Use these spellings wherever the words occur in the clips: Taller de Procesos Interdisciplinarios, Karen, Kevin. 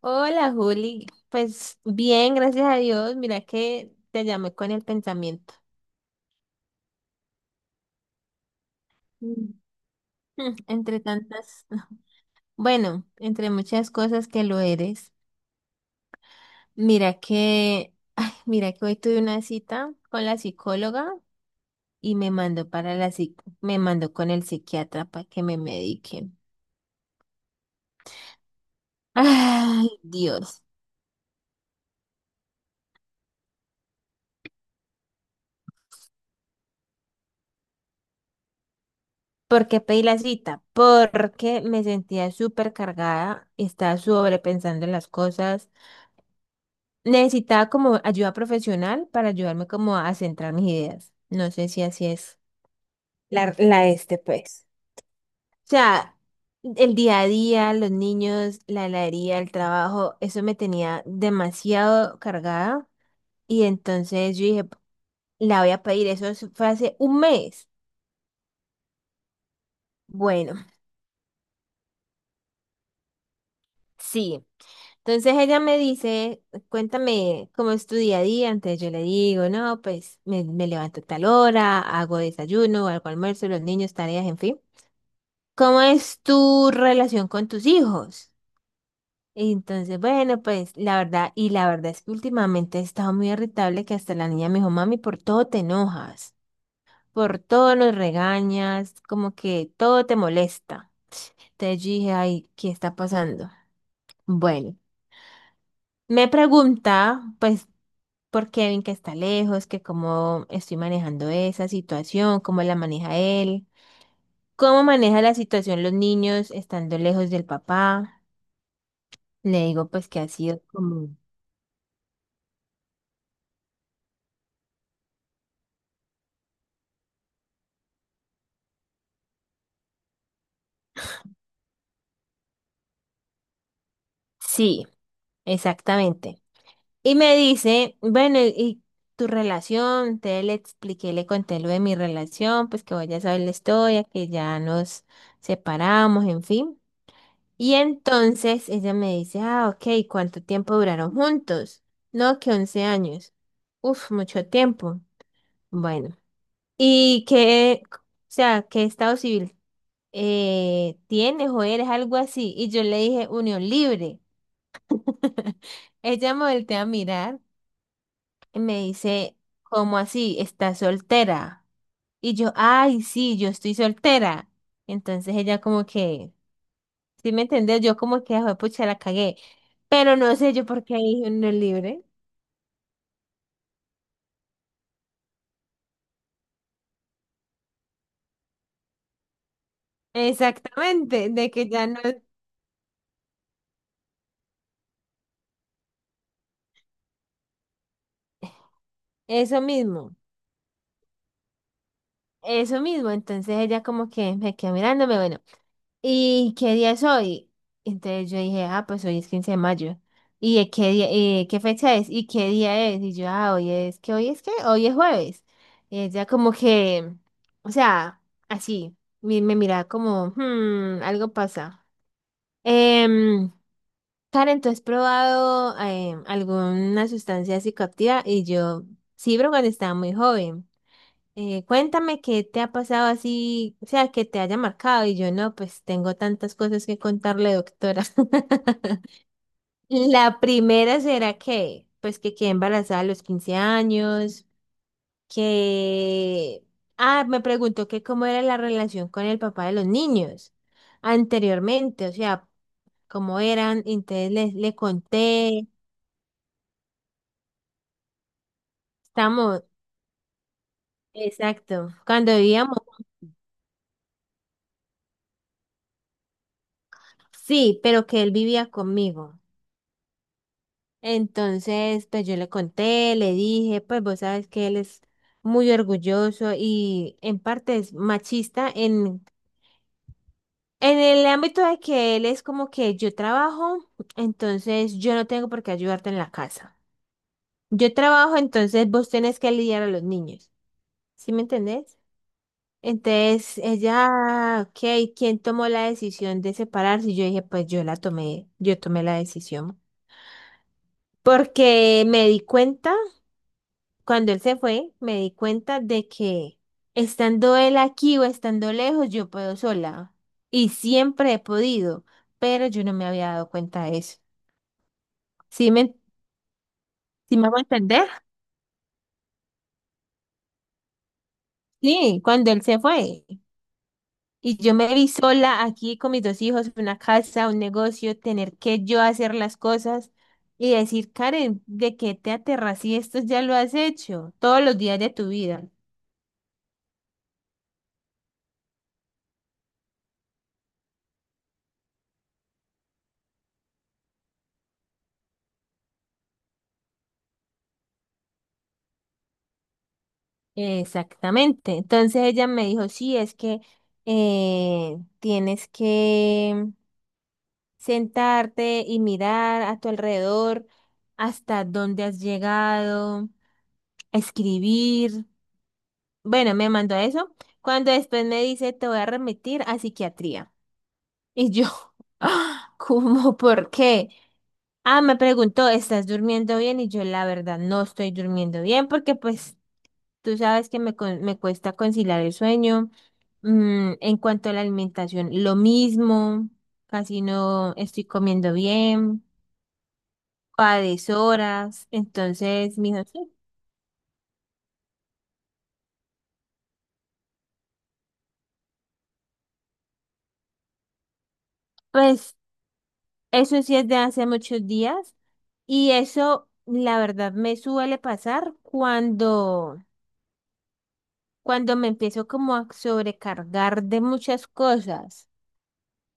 Hola Juli, pues bien, gracias a Dios. Mira que te llamé con el pensamiento. Mm. Entre tantas, bueno, entre muchas cosas que lo eres. Mira que, ay, mira que hoy tuve una cita con la psicóloga y me mandó con el psiquiatra para que me medique. Ay, Dios. ¿Por qué pedí la cita? Porque me sentía súper cargada, estaba sobrepensando las cosas. Necesitaba como ayuda profesional para ayudarme como a centrar mis ideas. No sé si así es. La este, pues. O sea, el día a día, los niños, la heladería, el trabajo, eso me tenía demasiado cargada. Y entonces yo dije, la voy a pedir. Fue hace un mes. Bueno, sí. Entonces ella me dice, cuéntame cómo es tu día a día. Entonces yo le digo, no, pues me levanto a tal hora, hago desayuno, hago almuerzo, los niños, tareas, en fin. ¿Cómo es tu relación con tus hijos? Y entonces, bueno, pues la verdad, y la verdad es que últimamente he estado muy irritable que hasta la niña me dijo, mami, por todo te enojas, por todo nos regañas, como que todo te molesta. Entonces yo dije, ay, ¿qué está pasando? Bueno. Me pregunta, pues por Kevin que está lejos, que cómo estoy manejando esa situación, cómo la maneja él, cómo maneja la situación los niños estando lejos del papá. Le digo pues que ha sido como... Sí, exactamente. Y me dice, bueno, ¿y tu relación? Te le expliqué, le conté lo de mi relación, pues que vos ya sabes la historia, que ya nos separamos, en fin. Y entonces ella me dice, ah, ok, ¿cuánto tiempo duraron juntos? No, que 11 años. Uf, mucho tiempo. Bueno, ¿y qué, o sea, qué estado civil tienes o eres algo así? Y yo le dije, unión libre. Ella me voltea a mirar y me dice, ¿cómo así? ¿Estás soltera? Y yo, ay, sí, yo estoy soltera. Entonces ella como que... ¿Sí me entendés? Yo como que, "Joder, pucha, la cagué. Pero no sé yo por qué dije no es libre. Exactamente, de que ya no eso mismo, eso mismo. Entonces ella como que me quedó mirándome, bueno, ¿y qué día es hoy? Entonces yo dije, ah, pues hoy es 15 de mayo. ¿Y de qué día, qué fecha es? ¿Y qué día es? Y yo, ah, hoy es, ¿qué hoy es qué? Hoy es jueves. Y ella como que, o sea, así, me miraba como, hmm, algo pasa. Em, Karen, ¿tú has probado alguna sustancia psicoactiva? Y yo sí, pero cuando estaba muy joven. Cuéntame qué te ha pasado así, o sea, que te haya marcado. Y yo no, pues tengo tantas cosas que contarle, doctora. La primera será que, pues que quedé embarazada a los 15 años, que... Ah, me preguntó que cómo era la relación con el papá de los niños anteriormente, o sea, cómo eran, entonces le conté. Estamos, exacto. Cuando vivíamos, sí, pero que él vivía conmigo. Entonces, pues yo le conté, le dije, pues vos sabes que él es muy orgulloso y en parte es machista en el ámbito de que él es como que yo trabajo, entonces yo no tengo por qué ayudarte en la casa. Yo trabajo, entonces vos tenés que lidiar a los niños. ¿Sí me entendés? Entonces, ella, ok, ¿quién tomó la decisión de separarse? Y yo dije, pues yo la tomé, yo tomé la decisión. Porque me di cuenta, cuando él se fue, me di cuenta de que estando él aquí o estando lejos, yo puedo sola. Y siempre he podido, pero yo no me había dado cuenta de eso. ¿Sí me, sí me hago entender? Sí, cuando él se fue. Y yo me vi sola aquí con mis dos hijos, una casa, un negocio, tener que yo hacer las cosas y decir, Karen, ¿de qué te aterras si esto ya lo has hecho todos los días de tu vida? Exactamente. Entonces ella me dijo, sí, es que tienes que sentarte y mirar a tu alrededor hasta dónde has llegado, escribir. Bueno, me mandó eso. Cuando después me dice, te voy a remitir a psiquiatría. Y yo, ¿cómo? ¿Por qué? Ah, me preguntó, ¿estás durmiendo bien? Y yo, la verdad, no estoy durmiendo bien porque pues tú sabes que me, me cuesta conciliar el sueño. En cuanto a la alimentación, lo mismo, casi no estoy comiendo bien, a deshoras. Entonces, mijo, sí, pues eso sí es de hace muchos días y eso, la verdad, me suele pasar cuando... cuando me empiezo como a sobrecargar de muchas cosas.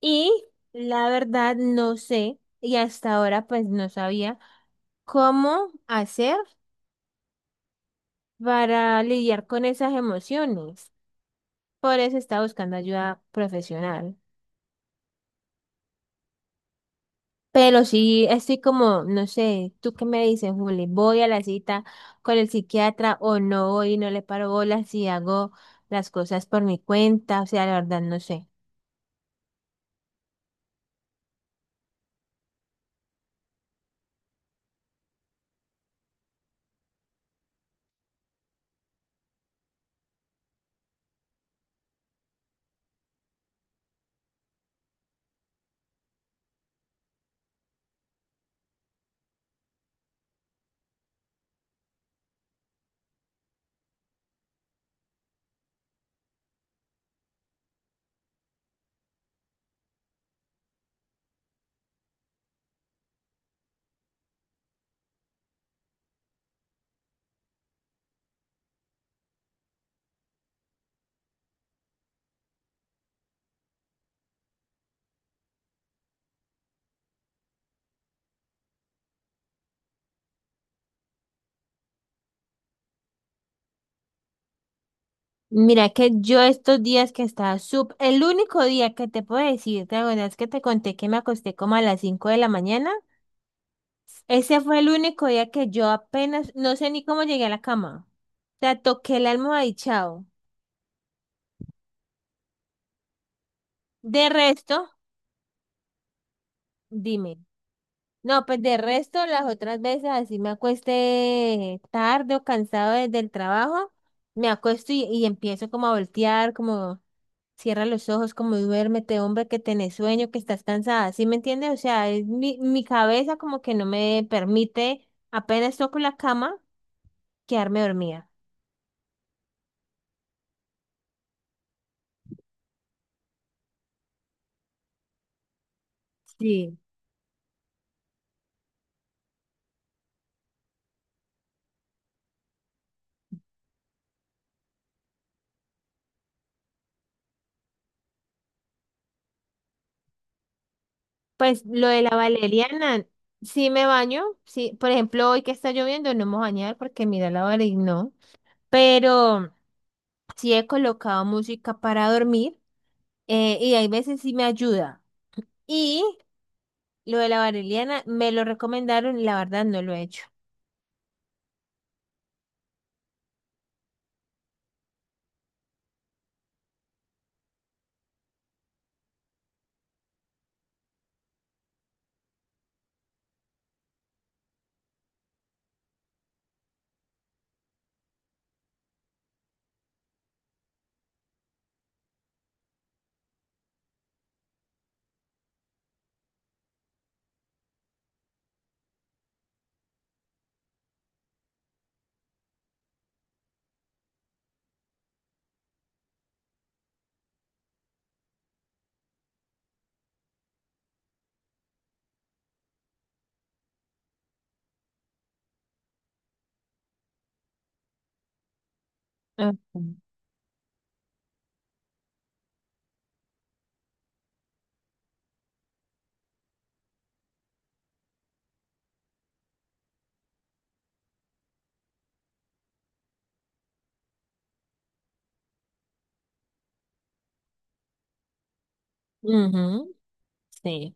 Y la verdad no sé, y hasta ahora pues no sabía cómo hacer para lidiar con esas emociones. Por eso estaba buscando ayuda profesional. Pero sí estoy como, no sé, ¿tú qué me dices, Juli? ¿Voy a la cita con el psiquiatra o no voy y no le paro bolas si hago las cosas por mi cuenta? O sea, la verdad no sé. Mira que yo estos días que estaba el único día que te puedo decir, ¿te acuerdas que te conté que me acosté como a las 5 de la mañana? Ese fue el único día que yo apenas, no sé ni cómo llegué a la cama. O sea, toqué el almohada y chao. De resto, dime. No, pues de resto, las otras veces así me acuesté tarde o cansado desde el trabajo, me acuesto y, empiezo como a voltear, como cierra los ojos, como duérmete, hombre, que tenés sueño, que estás cansada, ¿sí me entiendes? O sea, es mi cabeza como que no me permite, apenas toco la cama, quedarme dormida. Sí. Pues lo de la valeriana, sí me baño, sí, por ejemplo, hoy que está lloviendo no me voy a bañar porque mira la valeriana, no, pero sí he colocado música para dormir y hay veces sí me ayuda. Y lo de la valeriana me lo recomendaron, y la verdad no lo he hecho. Ok. Ujú. Sí,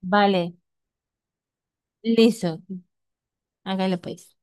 vale, listo. Hágale pues.